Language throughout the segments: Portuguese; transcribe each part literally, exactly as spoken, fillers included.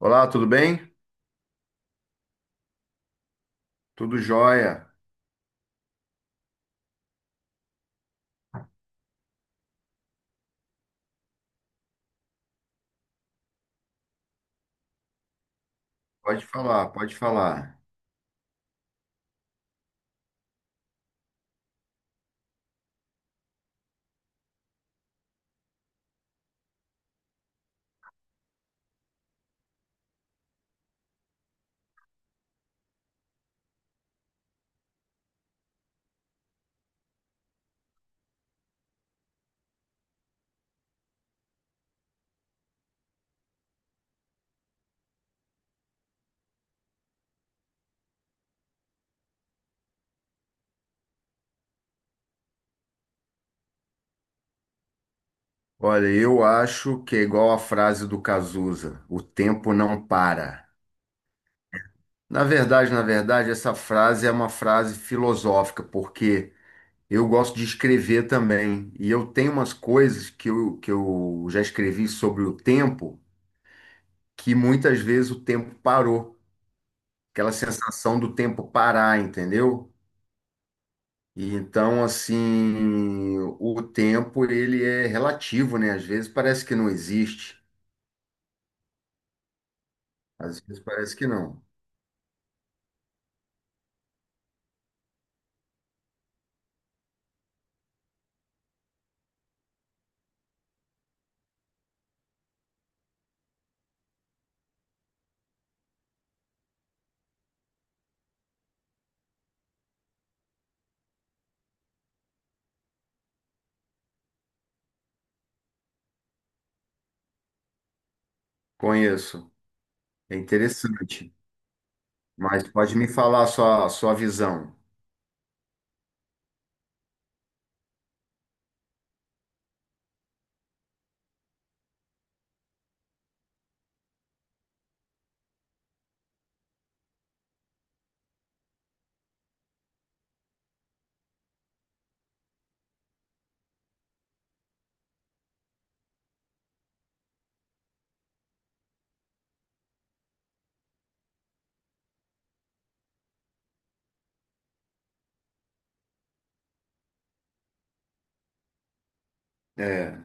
Olá, tudo bem? Tudo jóia. Pode falar, pode falar. Olha, eu acho que é igual a frase do Cazuza, o tempo não para. Na verdade, na verdade, essa frase é uma frase filosófica, porque eu gosto de escrever também, e eu tenho umas coisas que eu, que eu já escrevi sobre o tempo, que muitas vezes o tempo parou, aquela sensação do tempo parar, entendeu? E Então, assim, o tempo ele é relativo, né? Às vezes parece que não existe, às vezes parece que não. Conheço. É interessante. Mas pode me falar a sua, a sua visão. É.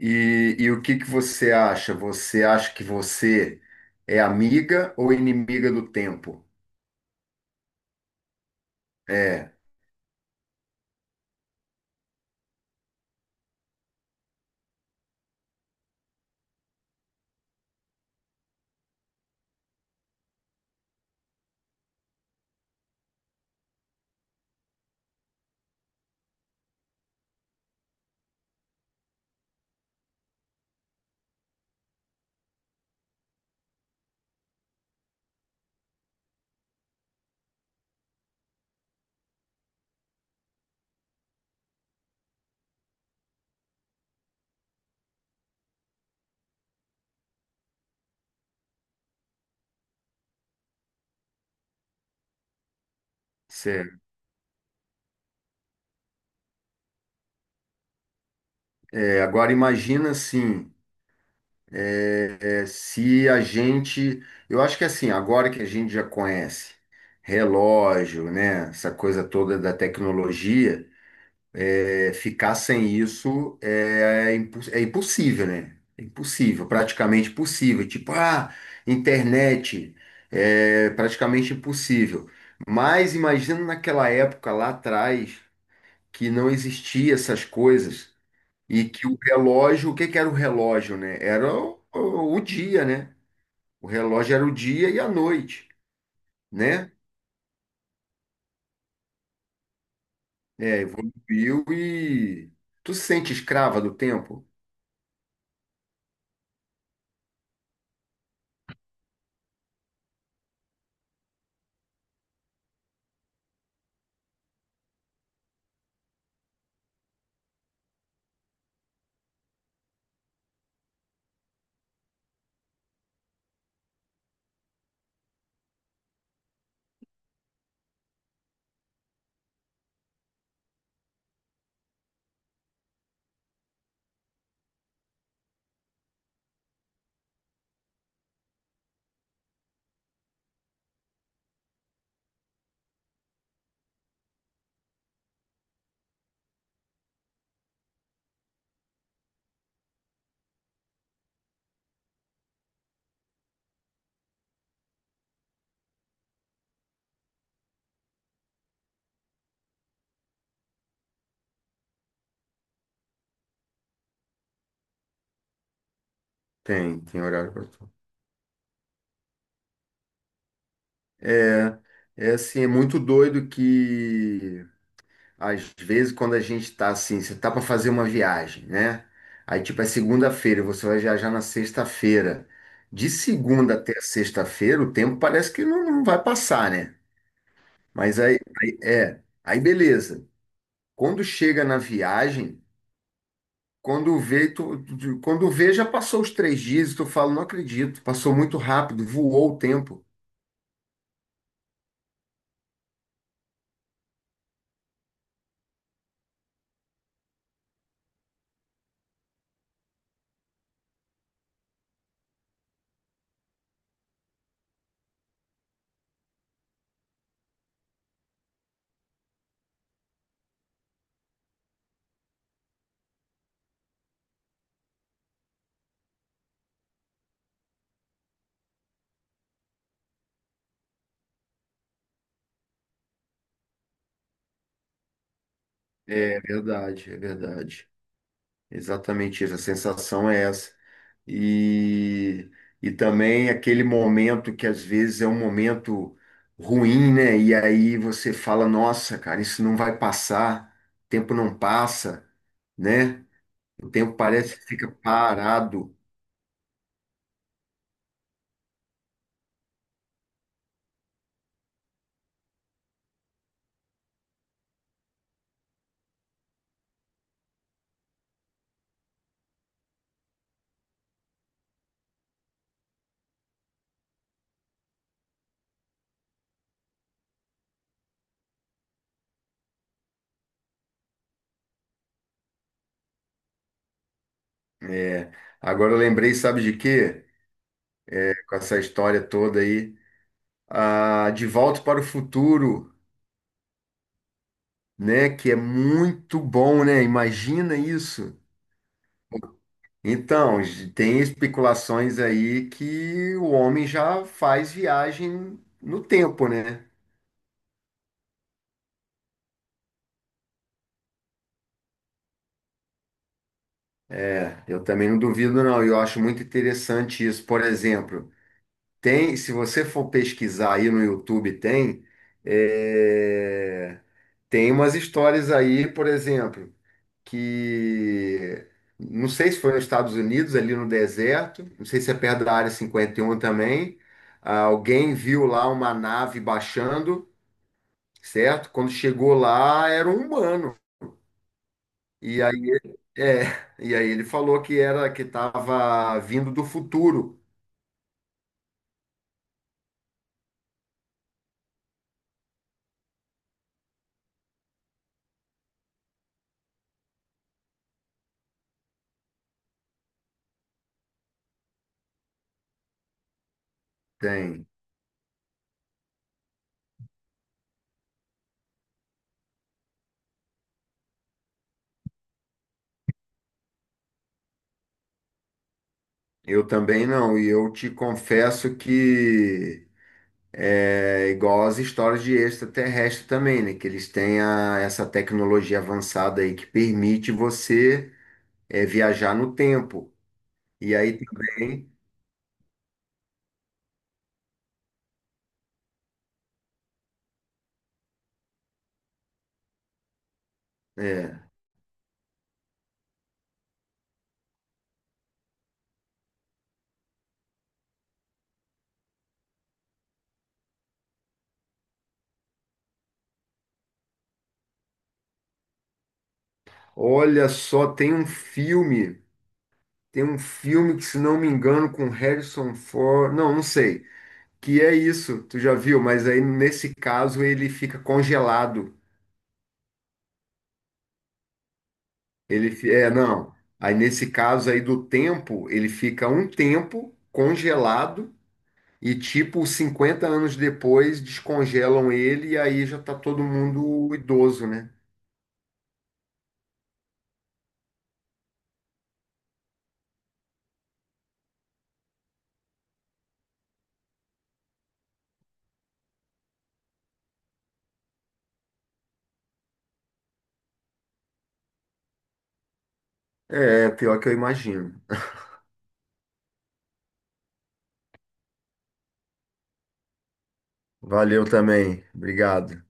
E, e o que que você acha? Você acha que você é amiga ou inimiga do tempo? É, certo. É, agora imagina assim. É, é, se a gente, eu acho que assim, agora que a gente já conhece relógio, né, essa coisa toda da tecnologia, é, ficar sem isso é, é impo- é impossível, né? É impossível, praticamente impossível. Tipo, ah, internet, é praticamente impossível. Mas imagina naquela época lá atrás que não existia essas coisas e que o relógio, o que que era o relógio, né? Era o o- o dia, né? O relógio era o dia e a noite, né? É, evoluiu e. Tu se sente escrava do tempo? Tem, tem horário para tudo. É, é assim, é muito doido que às vezes quando a gente tá assim, você tá para fazer uma viagem, né? Aí tipo é segunda-feira, você vai viajar na sexta-feira. De segunda até sexta-feira, o tempo parece que não, não vai passar, né? Mas aí, aí é, aí beleza. Quando chega na viagem Quando vê, tu, tu- quando vê, já passou os três dias e tu fala, não acredito, passou muito rápido, voou o tempo. É verdade, é verdade. Exatamente isso, a sensação é essa. E, e também aquele momento que às vezes é um momento ruim, né? E aí você fala, nossa, cara, isso não vai passar, o tempo não passa, né? O tempo parece que fica parado. É, Agora eu lembrei, sabe de quê? Com essa história toda aí. a De Volta para o Futuro, né? Que é muito bom, né? Imagina isso. Então, j- tem especulações aí que o homem já faz viagem no tempo, né? É, Eu também não duvido, não. Eu acho muito interessante isso. Por exemplo, tem, se você for pesquisar aí no YouTube, tem, é, tem umas histórias aí, por exemplo. que não sei se foi nos Estados Unidos, ali no deserto, não sei se é perto da Área cinquenta e um também. Ah, Alguém viu lá uma nave baixando, certo? Quando chegou lá, era um humano. E aí, é, e aí ele falou que era que estava vindo do futuro. Tem. Eu também não, e eu te confesso que É igual as histórias de extraterrestre também, né? Que eles têm a- essa tecnologia avançada aí que permite você é, viajar no tempo. E aí também, é, olha só, tem um filme, tem um filme que, se não me engano, com Harrison Ford, não, não sei, que é isso, tu já viu, mas aí nesse caso ele fica congelado. Ele, fi- é, não. Aí nesse caso aí do tempo, ele fica um tempo congelado E, tipo, cinquenta anos depois, descongelam ele e aí já tá todo mundo idoso, né? É, pior que eu imagino. Valeu também. Obrigado.